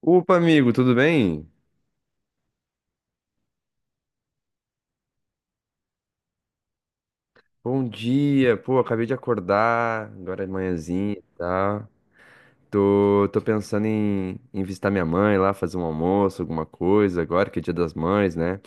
Opa, amigo, tudo bem? Bom dia. Pô, acabei de acordar, agora é manhãzinha e tal. Tô pensando em visitar minha mãe lá, fazer um almoço, alguma coisa, agora que é Dia das Mães, né?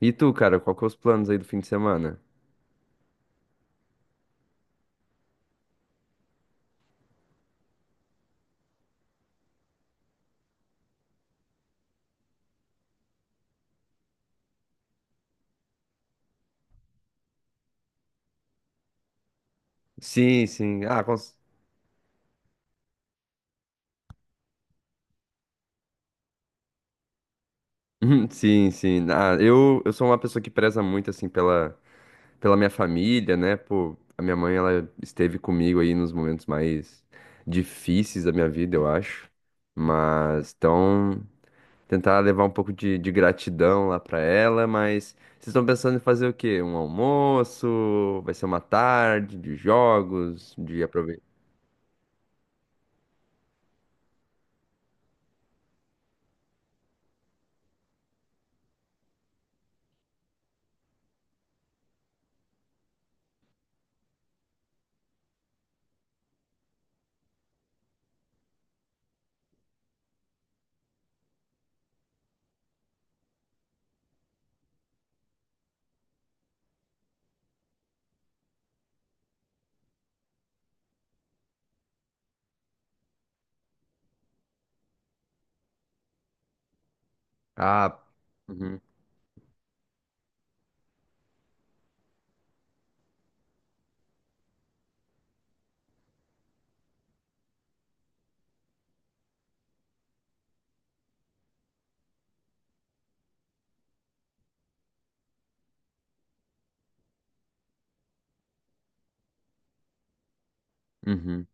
E tu, cara, qual que é os planos aí do fim de semana? Sim, sim. Sim, sim. Ah, eu sou uma pessoa que preza muito, assim, pela minha família, né? Pô, a minha mãe, ela esteve comigo aí nos momentos mais difíceis da minha vida, eu acho. Mas, então. Tentar levar um pouco de gratidão lá pra ela, mas vocês estão pensando em fazer o quê? Um almoço? Vai ser uma tarde de jogos, de aproveitar? Ah, uhum, uhum.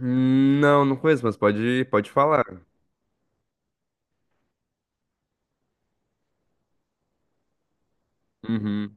Não, não conheço, mas pode falar. Uhum,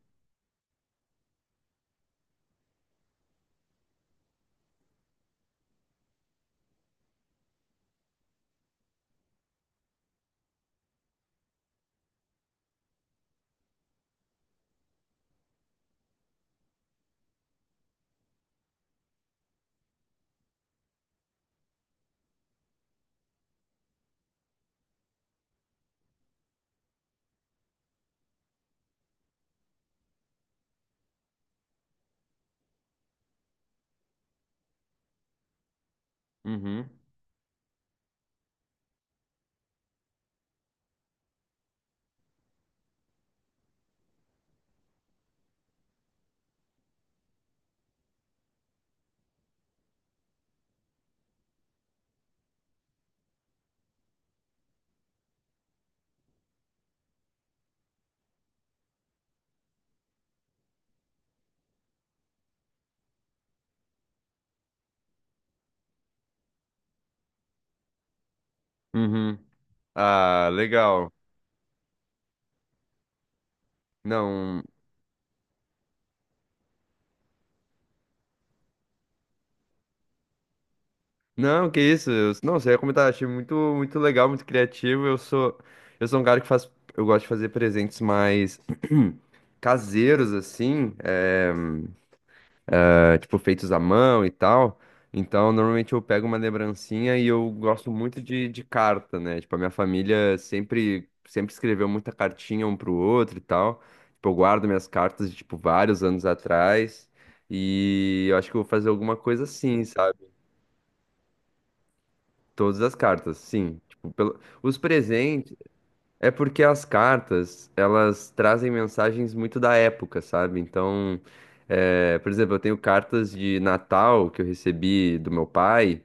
uhum, uhum. Ah, legal. Não, não, que isso? Não, você ia comentar, achei muito, muito legal, muito criativo. Eu sou um cara que faz, eu gosto de fazer presentes mais caseiros assim, é, tipo, feitos à mão e tal. Então, normalmente eu pego uma lembrancinha e eu gosto muito de carta, né? Tipo, a minha família sempre, sempre escreveu muita cartinha um pro outro e tal. Tipo, eu guardo minhas cartas de, tipo, vários anos atrás. E eu acho que eu vou fazer alguma coisa assim, sabe? Todas as cartas, sim. Tipo, pelo... Os presentes. É porque as cartas, elas trazem mensagens muito da época, sabe? Então, é, por exemplo, eu tenho cartas de Natal que eu recebi do meu pai,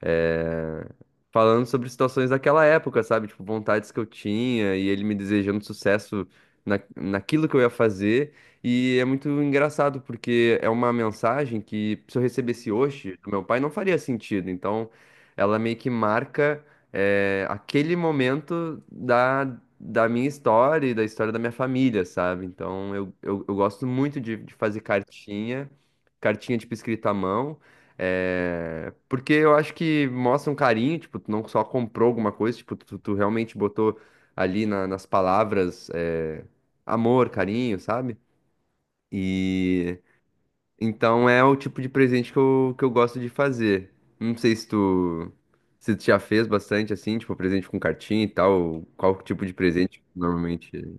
é, falando sobre situações daquela época, sabe? Tipo, vontades que eu tinha e ele me desejando sucesso naquilo que eu ia fazer. E é muito engraçado, porque é uma mensagem que, se eu recebesse hoje do meu pai, não faria sentido. Então, ela meio que marca, é, aquele momento Da minha história e da história da minha família, sabe? Então, eu gosto muito de fazer cartinha, cartinha tipo escrita à mão. É, porque eu acho que mostra um carinho, tipo, tu não só comprou alguma coisa, tipo, tu realmente botou ali nas palavras, é, amor, carinho, sabe? E então é o tipo de presente que eu gosto de fazer. Não sei se tu já fez bastante assim, tipo, presente com cartinha e tal, qual tipo de presente normalmente.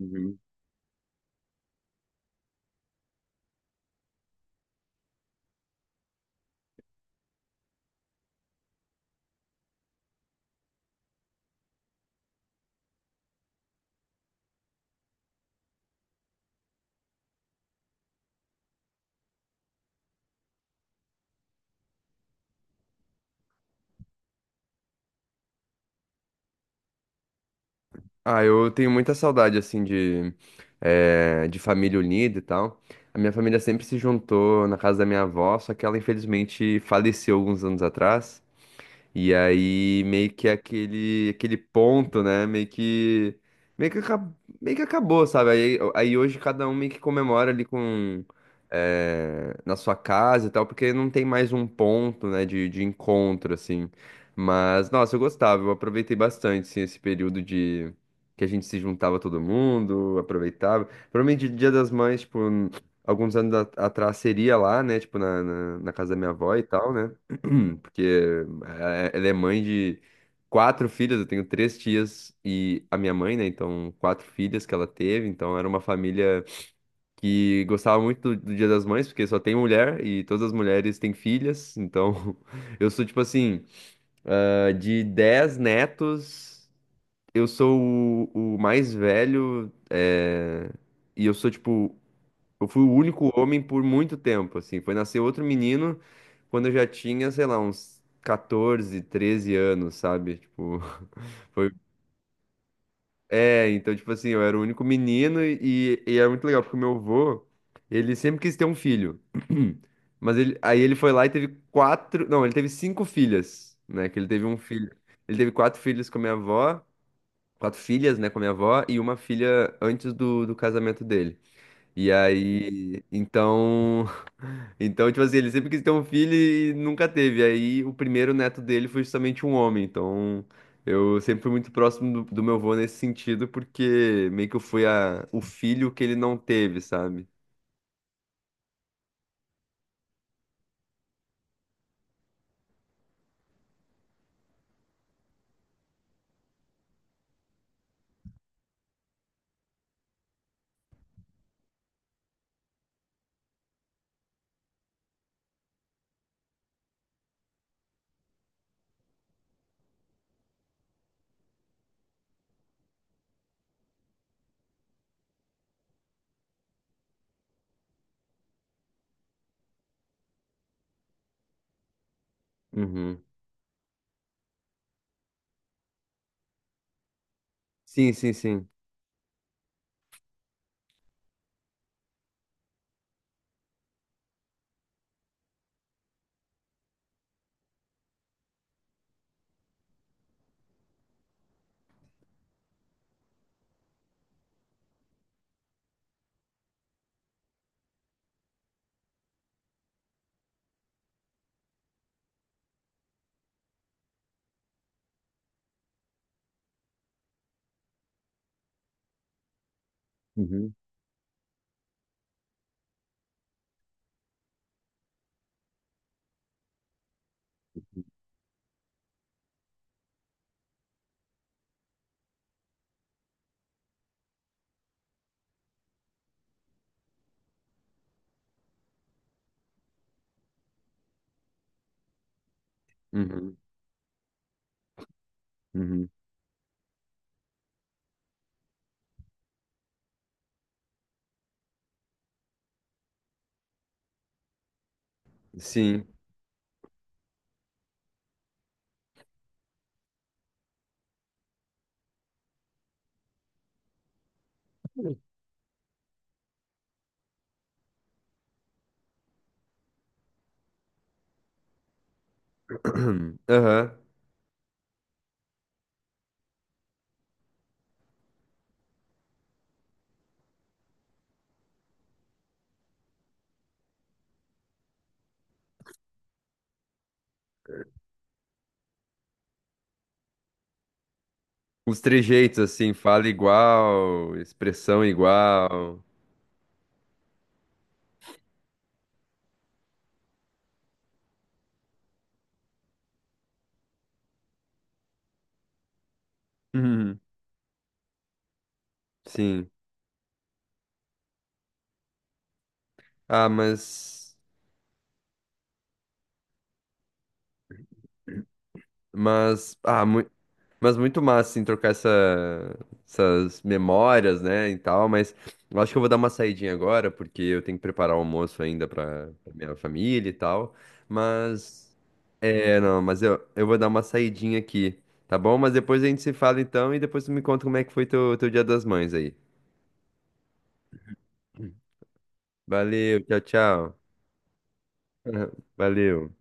Uhum. Ah, eu tenho muita saudade, assim, de família unida e tal. A minha família sempre se juntou na casa da minha avó, só que ela infelizmente faleceu alguns anos atrás. E aí meio que aquele ponto, né? Meio que, acab- meio que acabou, sabe? Aí hoje cada um meio que comemora ali com na sua casa e tal, porque não tem mais um ponto, né, de encontro assim. Mas nossa, eu gostava, eu aproveitei bastante assim, esse período de que a gente se juntava todo mundo, aproveitava. Provavelmente Dia das Mães, tipo, alguns anos atrás seria lá, né, tipo na casa da minha avó e tal, né? Porque ela é mãe de quatro filhas, eu tenho três tias e a minha mãe, né? Então, quatro filhas que ela teve. Então, era uma família que gostava muito do Dia das Mães, porque só tem mulher e todas as mulheres têm filhas. Então, eu sou tipo assim, ah, de 10 netos, eu sou o mais velho, e eu sou tipo eu fui o único homem por muito tempo, assim. Foi nascer outro menino quando eu já tinha, sei lá, uns 14 13 anos, sabe? Tipo, foi. É, então, tipo assim, eu era o único menino e era muito legal, porque o meu avô, ele sempre quis ter um filho. Mas ele, aí ele foi lá e teve quatro. Não, ele teve cinco filhas, né? Que ele teve um filho. Ele teve quatro filhos com a minha avó, quatro filhas, né, com a minha avó, e uma filha antes do casamento dele. E aí, então. Então, tipo assim, ele sempre quis ter um filho e nunca teve. Aí o primeiro neto dele foi justamente um homem. Então, eu sempre fui muito próximo do meu avô nesse sentido, porque meio que eu fui o filho que ele não teve, sabe? Uhum. Sim, sim, sim. Uhum. Uhum, uhum. Sim. Aham. Os trejeitos, assim, fala igual, expressão igual. Uhum. Sim. Ah, mas. Mas. Mas muito massa, assim, trocar essa, essas memórias, né, e tal, mas eu acho que eu vou dar uma saidinha agora, porque eu tenho que preparar o almoço ainda para minha família e tal, mas, é, não, mas eu vou dar uma saidinha aqui, tá bom? Mas depois a gente se fala então, e depois tu me conta como é que foi teu Dia das Mães aí. Valeu, tchau, tchau. Valeu.